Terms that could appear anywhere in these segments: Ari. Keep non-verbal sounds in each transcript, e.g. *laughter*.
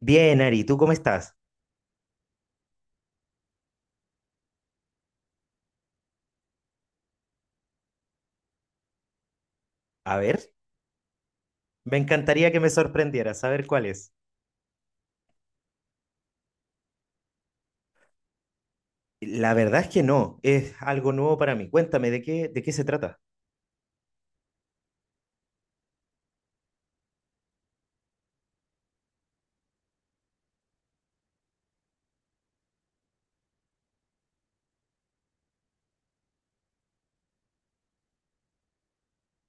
Bien, Ari, ¿tú cómo estás? A ver, me encantaría que me sorprendieras. A ver cuál es. La verdad es que no, es algo nuevo para mí. Cuéntame, ¿de qué se trata?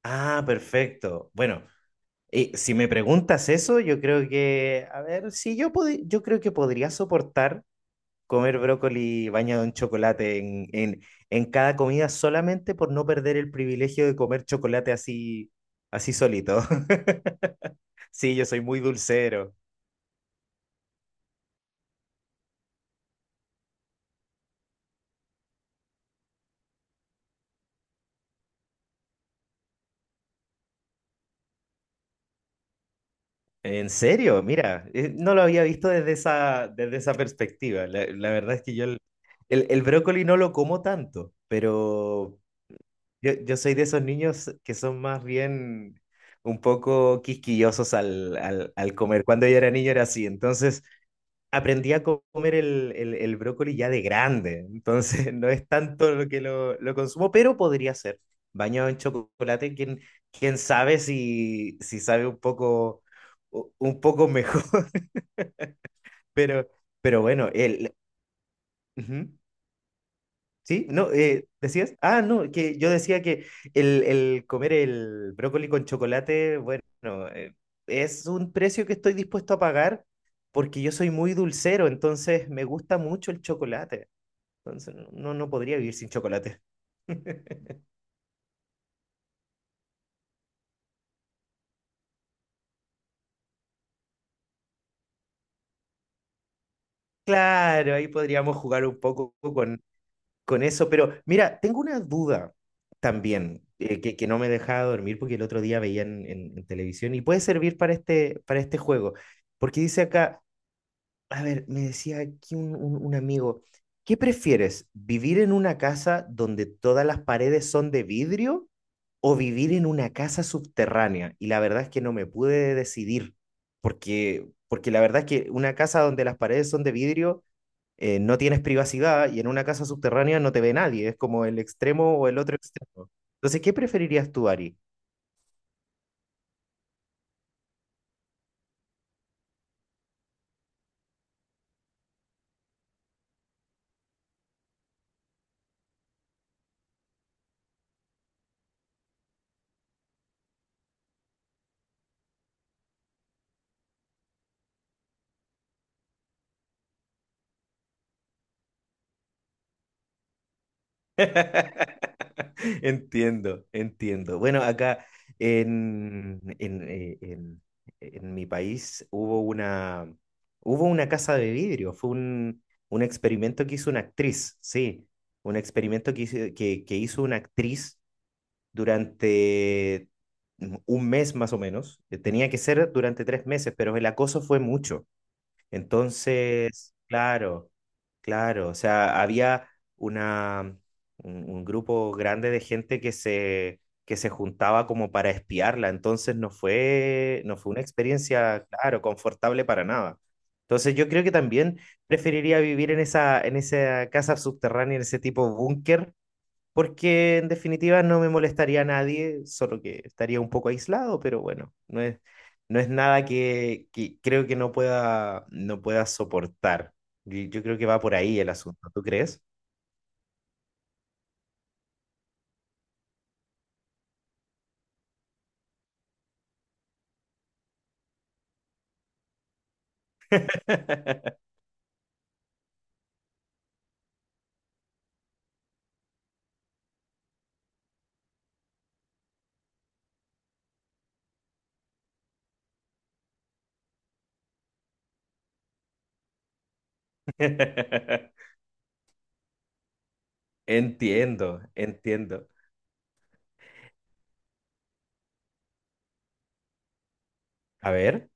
Ah, perfecto. Bueno, si me preguntas eso, yo creo que, a ver, si yo podi- yo creo que podría soportar comer brócoli bañado en chocolate en cada comida solamente por no perder el privilegio de comer chocolate así, así solito. *laughs* Sí, yo soy muy dulcero. En serio, mira, no lo había visto desde desde esa perspectiva. La verdad es que yo el brócoli no lo como tanto, pero yo soy de esos niños que son más bien un poco quisquillosos al comer. Cuando yo era niño era así, entonces aprendí a comer el brócoli ya de grande, entonces *laughs* no es tanto lo que lo consumo, pero podría ser. Bañado en chocolate, quién sabe si sabe un poco, un poco mejor, *laughs* pero, pero bueno, el, ujú. ¿Sí? No, ¿decías? Ah, no, que yo decía que el comer el brócoli con chocolate, bueno, eh, es un precio que estoy dispuesto a pagar porque yo soy muy dulcero, entonces me gusta mucho el chocolate. Entonces, no, no podría vivir sin chocolate. *laughs* Claro, ahí podríamos jugar un poco con eso, pero mira, tengo una duda también que no me dejaba dormir porque el otro día veía en, en televisión y puede servir para este juego, porque dice acá, a ver, me decía aquí un, un amigo, ¿qué prefieres? ¿Vivir en una casa donde todas las paredes son de vidrio o vivir en una casa subterránea? Y la verdad es que no me pude decidir, porque, porque la verdad es que una casa donde las paredes son de vidrio, no tienes privacidad, y en una casa subterránea no te ve nadie, es como el extremo o el otro extremo. Entonces, ¿qué preferirías tú, Ari? *laughs* Entiendo, entiendo. Bueno, acá en, en, eh, en- en mi país hubo una casa de vidrio, fue un experimento que hizo una actriz, sí, un experimento que hizo, que hizo una actriz durante un mes más o menos. Tenía que ser durante 3 meses, pero el acoso fue mucho. Entonces, claro, claro, o sea, había una, un grupo grande de gente que se juntaba como para espiarla. Entonces no fue, no fue una experiencia, claro, confortable para nada. Entonces yo creo que también preferiría vivir en esa casa subterránea, en ese tipo búnker, porque en definitiva no me molestaría a nadie, solo que estaría un poco aislado, pero bueno, no es, no es nada que, que creo que no pueda, no pueda soportar. Y yo creo que va por ahí el asunto, ¿tú crees? *laughs* Entiendo, entiendo. A ver,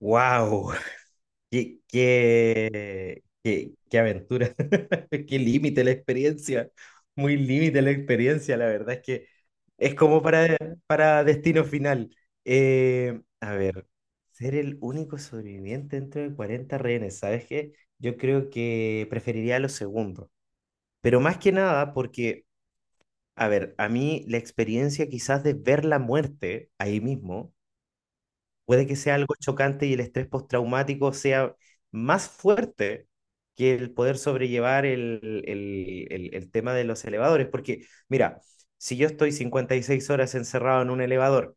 wow. Qué, qué, qué, qué aventura, *laughs* qué límite la experiencia, muy límite la experiencia, la verdad es que es como para destino final. A ver, ser el único sobreviviente dentro de 40 rehenes, ¿sabes qué? Yo creo que preferiría lo segundo, pero más que nada porque, a ver, a mí la experiencia quizás de ver la muerte ahí mismo puede que sea algo chocante y el estrés postraumático sea más fuerte que el poder sobrellevar el tema de los elevadores. Porque, mira, si yo estoy 56 horas encerrado en un elevador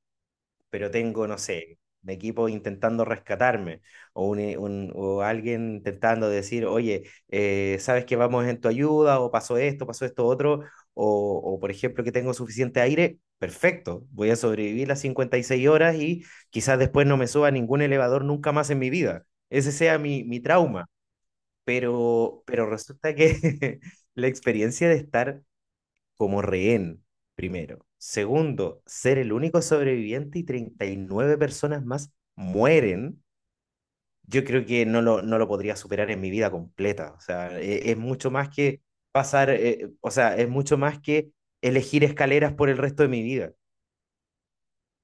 pero tengo, no sé, un equipo intentando rescatarme o, un, o alguien intentando decir, oye, sabes que vamos en tu ayuda, o pasó esto otro, o por ejemplo que tengo suficiente aire, perfecto, voy a sobrevivir las 56 horas y quizás después no me suba a ningún elevador nunca más en mi vida. Ese sea mi, mi trauma, pero resulta que *laughs* la experiencia de estar como rehén, primero. Segundo, ser el único sobreviviente y 39 personas más mueren. Yo creo que no no lo podría superar en mi vida completa. O sea, es mucho más que pasar, o sea, es mucho más que elegir escaleras por el resto de mi vida.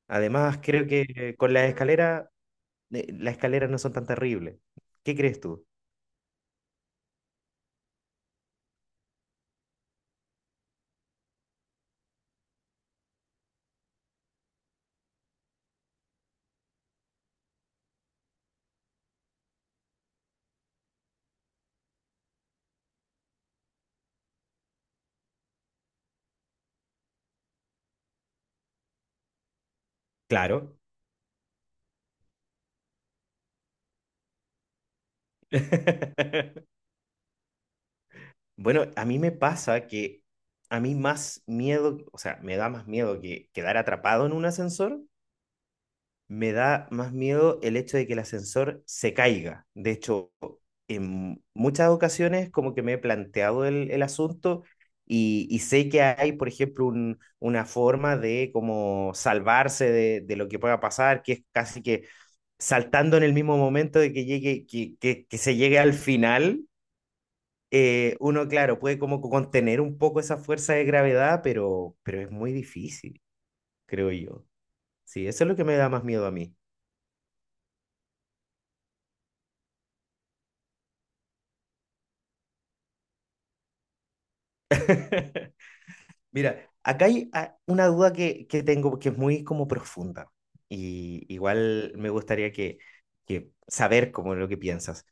Además, creo que con las escaleras no son tan terribles. ¿Qué crees tú? Claro. *laughs* Bueno, a mí me pasa que a mí más miedo, o sea, me da más miedo que quedar atrapado en un ascensor, me da más miedo el hecho de que el ascensor se caiga. De hecho, en muchas ocasiones como que me he planteado el asunto y sé que hay, por ejemplo, una forma de como salvarse de lo que pueda pasar, que es casi que saltando en el mismo momento de que llegue, que se llegue al final. Uno, claro, puede como contener un poco esa fuerza de gravedad, pero es muy difícil, creo yo. Sí, eso es lo que me da más miedo a mí. *laughs* Mira, acá hay ah, una duda que tengo que es muy como profunda, y igual me gustaría que saber como lo que piensas.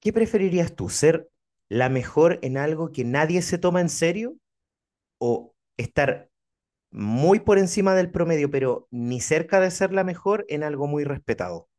¿Qué preferirías tú, ser la mejor en algo que nadie se toma en serio o estar muy por encima del promedio, pero ni cerca de ser la mejor en algo muy respetado?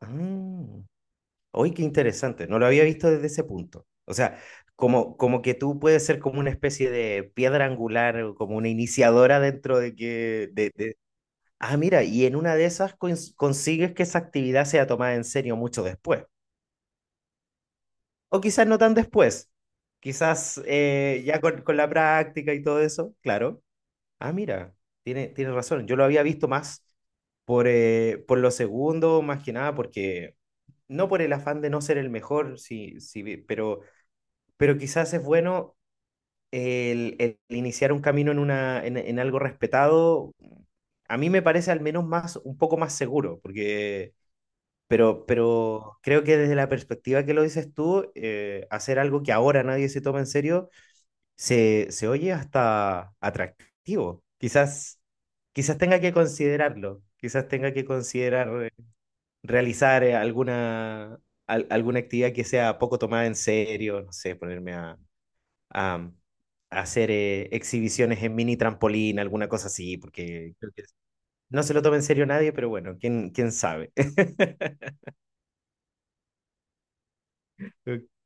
Ah, hoy qué interesante, no lo había visto desde ese punto. O sea, como, como que tú puedes ser como una especie de piedra angular, o como una iniciadora dentro de que... Ah, mira, y en una de esas consigues que esa actividad sea tomada en serio mucho después. O quizás no tan después, quizás ya con la práctica y todo eso, claro. Ah, mira, tiene, tiene razón, yo lo había visto más por lo segundo, más que nada, porque no por el afán de no ser el mejor, sí, sí, pero quizás es bueno el iniciar un camino en, una, en algo respetado. A mí me parece al menos más, un poco más seguro, porque, pero creo que desde la perspectiva que lo dices tú, hacer algo que ahora nadie se toma en serio, se oye hasta atractivo. Quizás, quizás tenga que considerarlo, quizás tenga que considerar realizar alguna, alguna actividad que sea poco tomada en serio, no sé, ponerme a, a- a hacer exhibiciones en mini trampolín, alguna cosa así, porque creo que no se lo toma en serio nadie, pero bueno, quién, quién sabe. *laughs*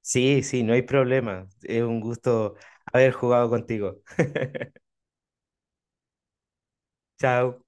Sí, sí, no hay problema. Es un gusto haber jugado contigo. Chao.